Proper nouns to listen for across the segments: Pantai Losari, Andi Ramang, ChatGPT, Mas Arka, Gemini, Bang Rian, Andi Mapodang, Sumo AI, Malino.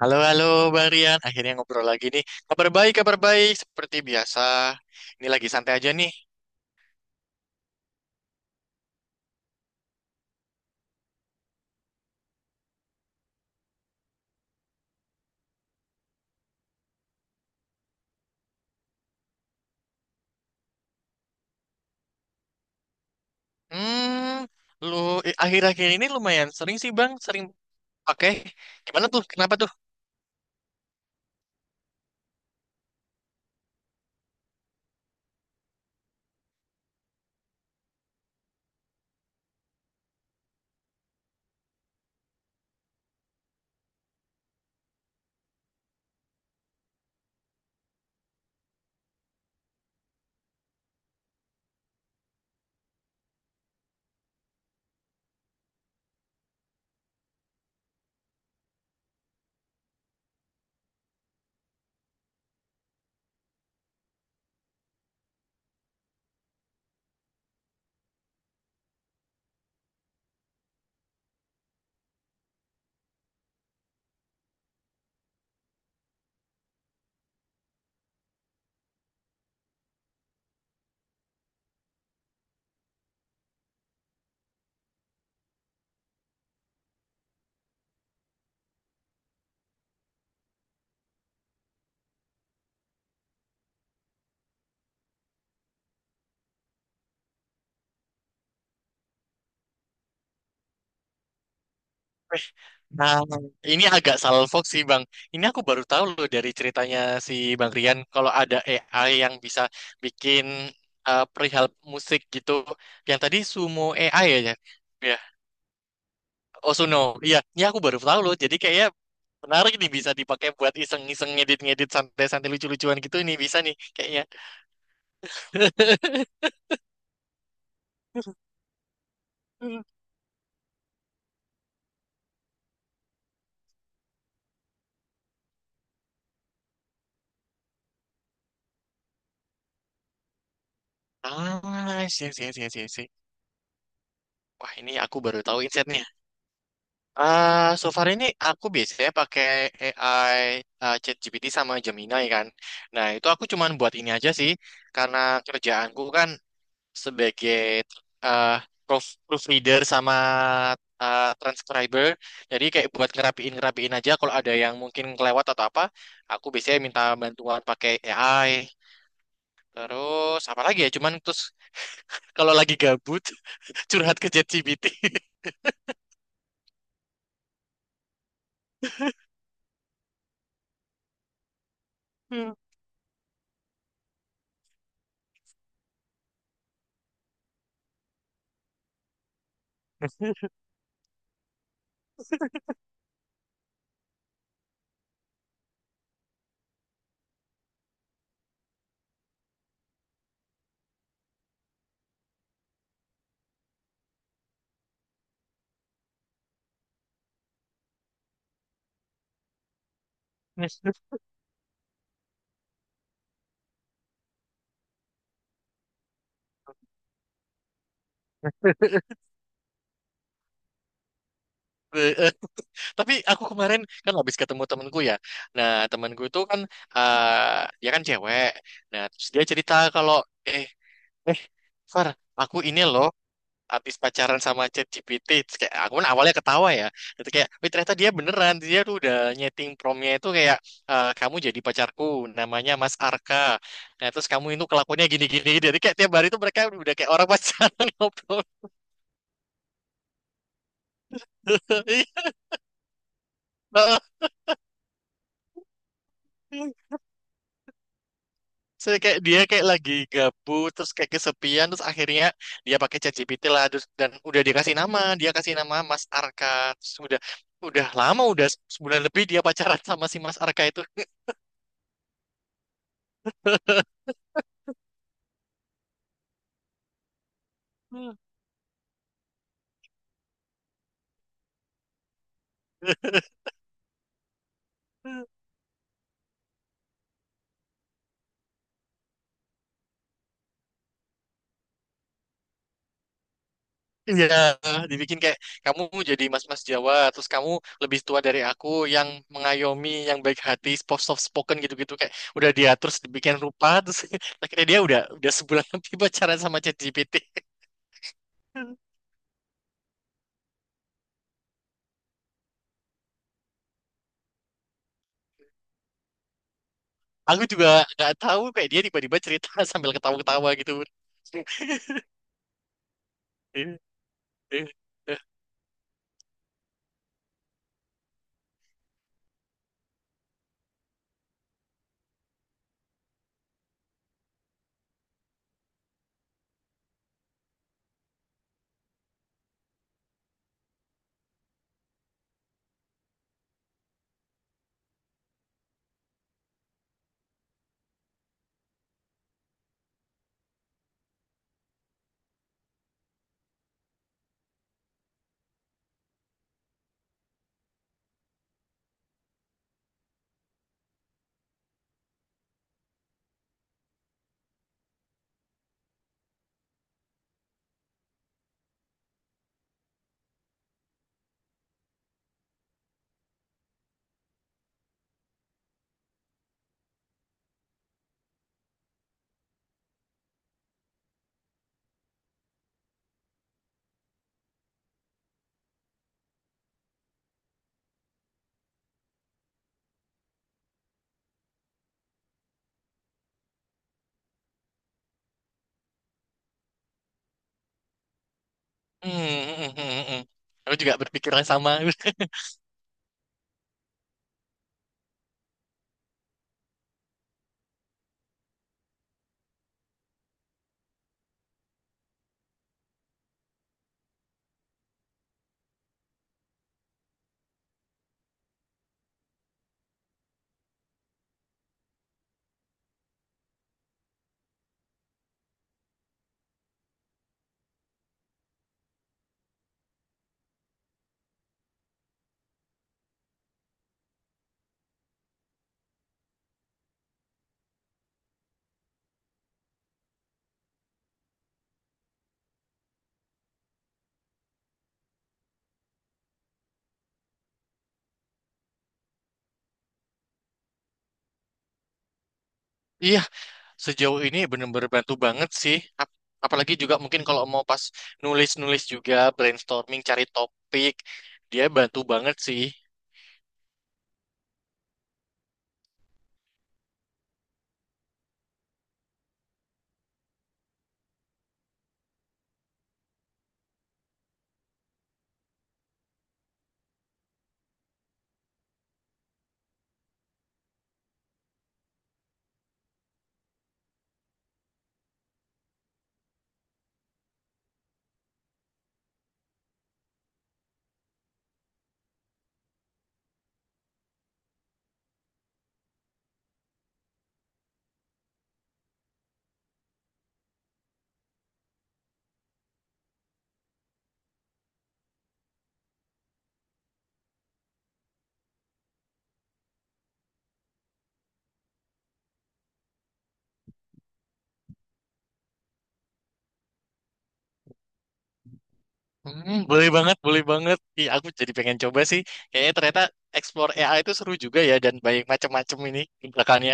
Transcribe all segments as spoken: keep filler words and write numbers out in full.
Halo, halo, Bang Rian. Akhirnya ngobrol lagi nih. Kabar baik, kabar baik. Seperti biasa. Ini lagi santai aja nih. Hmm, lu eh, Akhir-akhir ini lumayan sering sih, Bang. Sering pakai. Gimana tuh? Kenapa tuh? Eh, nah, ini agak salfok sih, Bang. Ini aku baru tahu loh dari ceritanya si Bang Rian. Kalau ada A I yang bisa bikin eh, perihal musik gitu. Yang tadi Sumo A I ya? Ya. Osuno. Iya, ini aku baru tahu loh. Jadi kayaknya menarik nih bisa dipakai buat iseng-iseng ngedit-ngedit santai-santai lucu-lucuan gitu nih bisa nih kayaknya. Ah, sih sih sih sih sih. Wah, ini aku baru tahu insight-nya. Ah, so far ini aku biasanya pakai A I ah, ChatGPT sama Gemini kan. Nah, itu aku cuman buat ini aja sih karena kerjaanku kan sebagai eh proof- proofreader sama eh, transcriber. Jadi kayak buat ngerapiin ngerapiin aja kalau ada yang mungkin kelewat atau apa, aku biasanya minta bantuan pakai A I. Terus apa lagi ya? Cuman terus kalau lagi gabut curhat ke ChatGPT. Hmm. Eh, eh. Tapi aku kemarin kan habis ketemu temenku ya. Nah, temenku itu kan eh dia kan cewek. Nah, terus dia cerita kalau eh eh Far, aku ini loh habis pacaran sama ChatGPT. Terus kayak aku kan awalnya ketawa ya, itu kayak, "Wih, ternyata dia beneran, dia tuh udah nyeting promnya itu kayak, "Eh, kamu jadi pacarku, namanya Mas Arka, nah terus kamu itu kelakuannya gini-gini." Jadi kayak tiap hari tuh mereka udah kayak orang pacaran ngobrol. Heeh. Saya kayak dia kayak lagi gabut terus kayak kesepian terus akhirnya dia pakai ChatGPT lah. Terus dan udah dikasih nama, dia kasih nama Mas Arka. Terus udah udah lama, udah sebulan lebih dia pacaran sama si Mas Arka itu. Iya, dibikin kayak, kamu jadi mas-mas Jawa, terus kamu lebih tua dari aku, yang mengayomi, yang baik hati, soft soft spoken gitu-gitu kayak udah diatur, terus dibikin rupa, terus akhirnya dia udah udah sebulan lebih pacaran sama ChatGPT. Aku juga nggak tahu, kayak dia tiba-tiba cerita sambil ketawa-ketawa gitu. Hmm, hmm, hmm, hmm. hmm. Aku juga berpikiran sama. Iya, sejauh ini benar-benar bantu banget sih. Ap- Apalagi juga mungkin kalau mau pas nulis-nulis juga, brainstorming, cari topik, dia bantu banget sih. Hmm, boleh banget, boleh banget. Ih, aku jadi pengen coba sih. Kayaknya ternyata explore A I itu seru juga ya dan banyak macam-macam ini di belakangnya.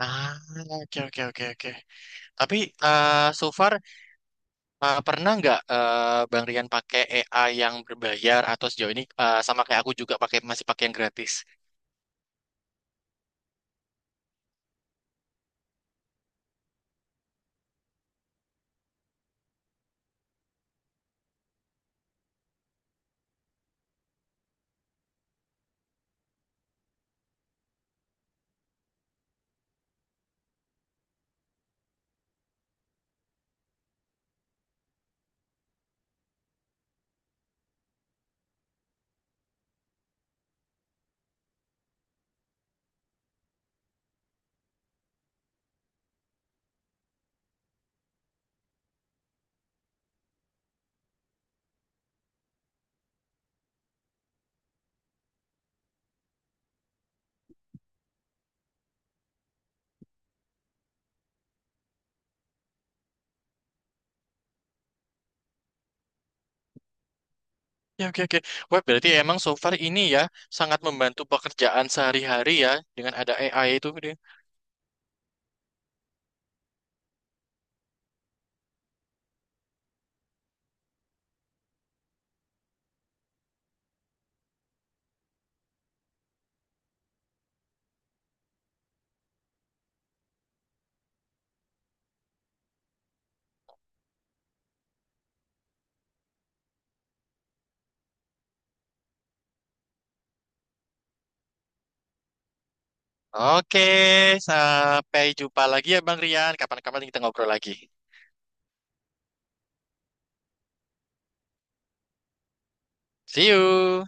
Ah, oke oke oke oke. Tapi eh so far eh, pernah nggak eh, Bang Rian pakai A I yang berbayar atau sejauh ini eh, sama kayak aku juga pakai masih pakai yang gratis? Ya, oke, oke. Wah, berarti emang so far ini ya sangat membantu pekerjaan sehari-hari ya dengan ada A I itu. Gitu. Oke, sampai jumpa lagi ya Bang Rian. Kapan-kapan kita ngobrol lagi. See you.